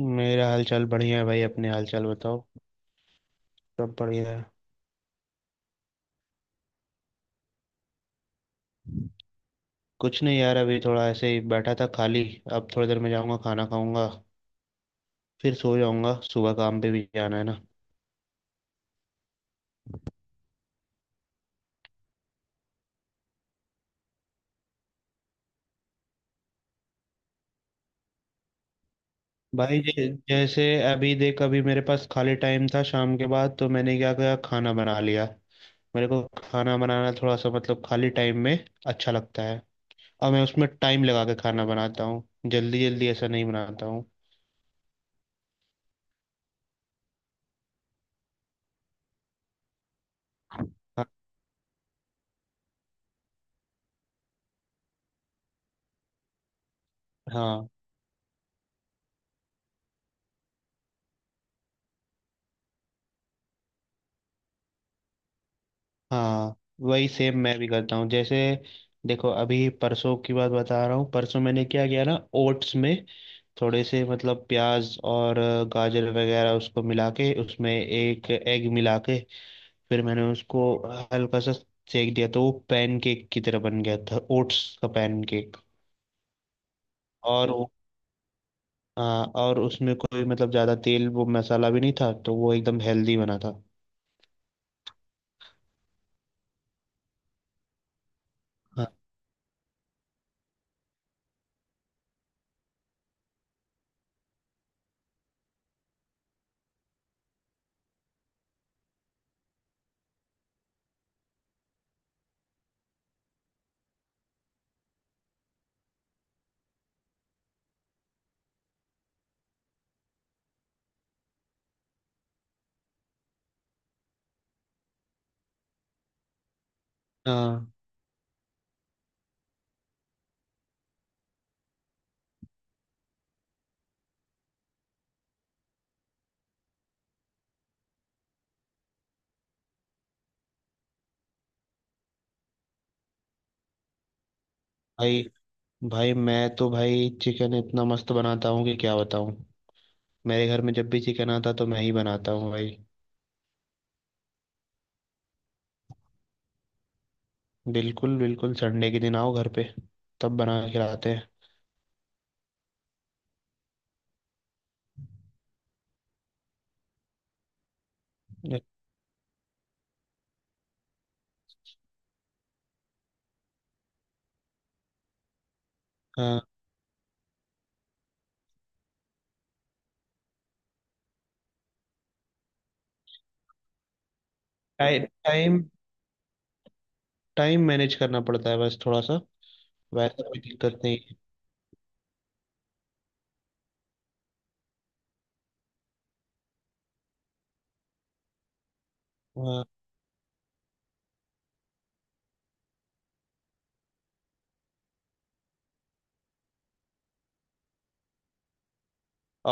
मेरा हालचाल बढ़िया है भाई, अपने हालचाल बताओ। सब बढ़िया है। कुछ नहीं यार, अभी थोड़ा ऐसे ही बैठा था खाली। अब थोड़ी देर में जाऊंगा, खाना खाऊंगा, फिर सो जाऊंगा। सुबह काम पे भी जाना है ना। भाई जैसे, अभी देख, अभी मेरे पास खाली टाइम था शाम के बाद, तो मैंने क्या किया, खाना बना लिया। मेरे को खाना बनाना थोड़ा सा मतलब खाली टाइम में अच्छा लगता है। और मैं उसमें टाइम लगा के खाना बनाता हूँ, जल्दी जल्दी ऐसा नहीं बनाता हूँ। हाँ। हाँ। हाँ, वही सेम मैं भी करता हूँ। जैसे देखो, अभी परसों की बात बता रहा हूँ। परसों मैंने क्या किया ना, ओट्स में थोड़े से मतलब प्याज और गाजर वगैरह, उसको मिला के, उसमें एक एग मिला के, फिर मैंने उसको हल्का सा सेक दिया, तो वो पैनकेक की तरह बन गया था, ओट्स का पैनकेक। और वो, हाँ, और उसमें कोई मतलब ज़्यादा तेल वो मसाला भी नहीं था, तो वो एकदम हेल्दी बना था। हाँ। हाँ, भाई। भाई मैं तो भाई चिकन इतना मस्त बनाता हूँ कि क्या बताऊँ। मेरे घर में जब भी चिकन आता तो मैं ही बनाता हूँ भाई। बिल्कुल बिल्कुल, संडे के दिन आओ घर पे, तब बना के खिलाते हैं। हाँ। टाइम, टाइम मैनेज करना पड़ता है बस थोड़ा सा। वैसे कोई दिक्कत नहीं है। हाँ।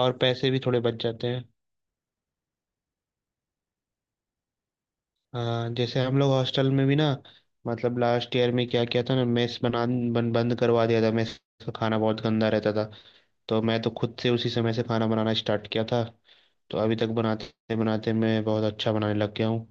और पैसे भी थोड़े बच जाते हैं। हाँ, जैसे हम लोग हॉस्टल में भी ना, मतलब लास्ट ईयर में क्या किया था ना, मेस बंद करवा दिया था। मेस का खाना बहुत गंदा रहता था, तो मैं तो खुद से उसी समय से खाना बनाना स्टार्ट किया था। तो अभी तक बनाते बनाते मैं बहुत अच्छा बनाने लग गया हूँ।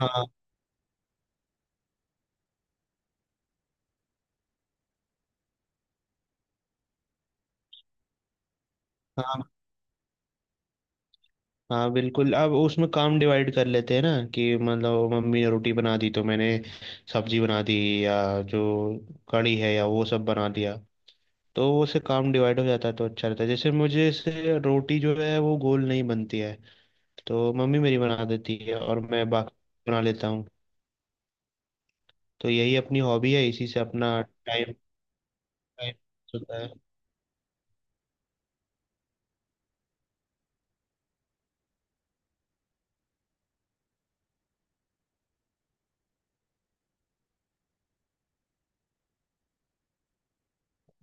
हाँ। हाँ। हाँ बिल्कुल, अब उसमें काम डिवाइड कर लेते हैं ना। कि मतलब मम्मी ने रोटी बना दी तो मैंने सब्जी बना दी, या जो कड़ी है या वो सब बना दिया। तो वो से काम डिवाइड हो जाता है, तो अच्छा रहता है। जैसे मुझे से रोटी जो है वो गोल नहीं बनती है, तो मम्मी मेरी बना देती है और मैं बाकी बना लेता हूँ। तो यही अपनी हॉबी है, इसी से अपना टाइम टाइम होता है।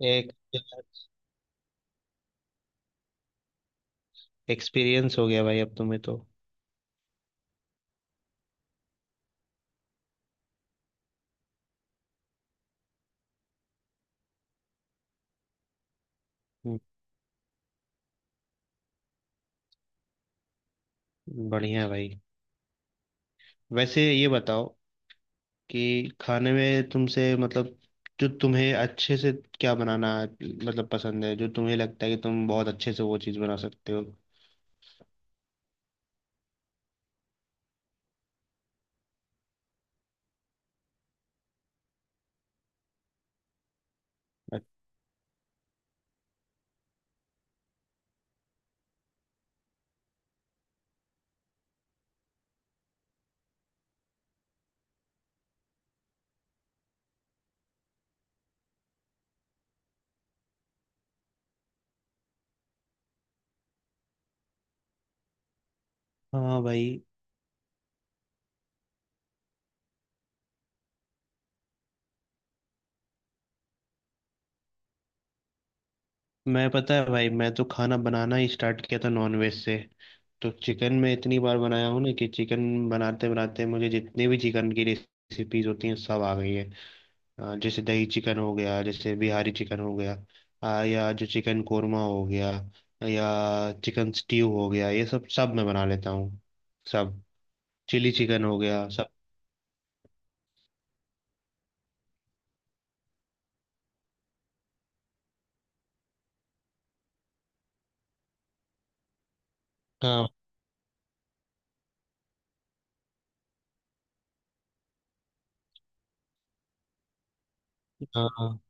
एक एक्सपीरियंस हो गया भाई अब तुम्हें तो। बढ़िया है भाई। वैसे ये बताओ कि खाने में तुमसे मतलब, जो तुम्हें अच्छे से, क्या बनाना मतलब पसंद है, जो तुम्हें लगता है कि तुम बहुत अच्छे से वो चीज़ बना सकते हो? हाँ भाई। मैं, पता है भाई, मैं तो खाना बनाना ही स्टार्ट किया था नॉनवेज से। तो चिकन मैं इतनी बार बनाया हूँ ना कि चिकन बनाते बनाते मुझे जितनी भी चिकन की रेसिपीज होती हैं सब आ गई है। जैसे दही चिकन हो गया, जैसे बिहारी चिकन हो गया, या जो चिकन कोरमा हो गया, या चिकन स्टीव हो गया, ये सब सब मैं बना लेता हूँ, सब। चिली चिकन हो गया, सब। हाँ। हाँ। हाँ।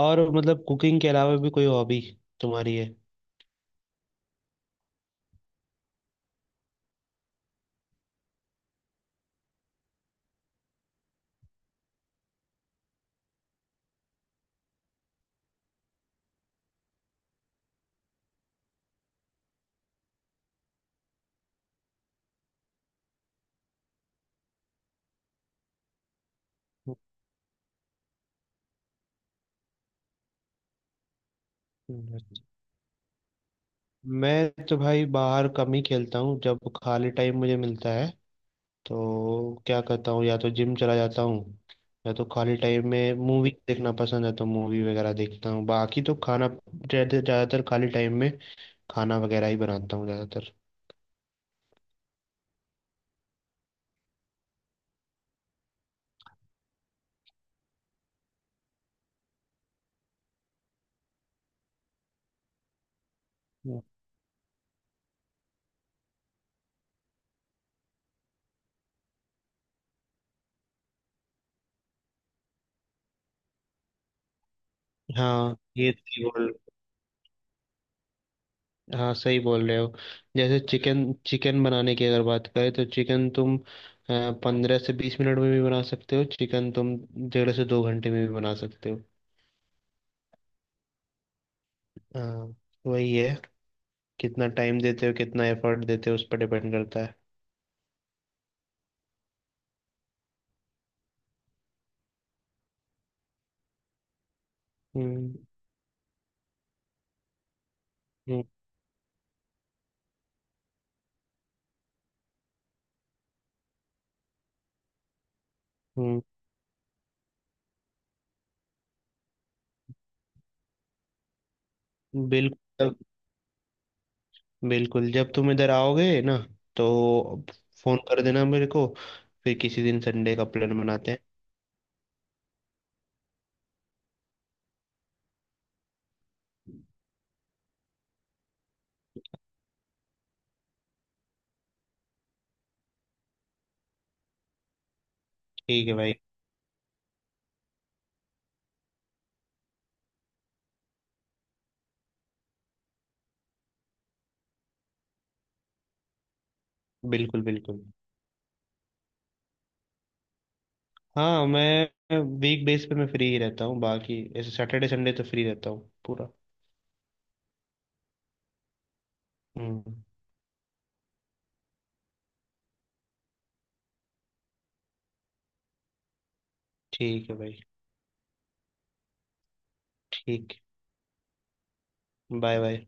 और मतलब कुकिंग के अलावा भी कोई हॉबी तुम्हारी है? अच्छा। मैं तो भाई बाहर कम ही खेलता हूँ। जब खाली टाइम मुझे मिलता है तो क्या करता हूँ, या तो जिम चला जाता हूँ, या तो खाली टाइम में मूवी देखना पसंद है तो मूवी वगैरह देखता हूँ। बाकी तो खाना ज़्यादातर खाली टाइम में खाना वगैरह ही बनाता हूँ ज़्यादातर। हम्म। हाँ ये सही बोल, हाँ सही बोल रहे हो। जैसे चिकन, चिकन बनाने की अगर बात करें, तो चिकन तुम 15 से 20 मिनट में भी बना सकते हो, चिकन तुम डेढ़ से 2 घंटे में भी बना सकते हो। हाँ। वही है, कितना टाइम देते हो, कितना एफर्ट देते हो उस पर डिपेंड करता है। हम्म। हम्म। बिल्कुल जब- बिल्कुल जब तुम इधर आओगे ना, तो फोन कर देना मेरे को। फिर किसी दिन संडे का प्लान बनाते हैं। ठीक है भाई। बिल्कुल बिल्कुल। हाँ, मैं वीक बेस पे मैं फ्री ही रहता हूँ, बाकी ऐसे सैटरडे संडे तो फ्री रहता हूँ पूरा। हम्म। ठीक है भाई। ठीक। Bye bye.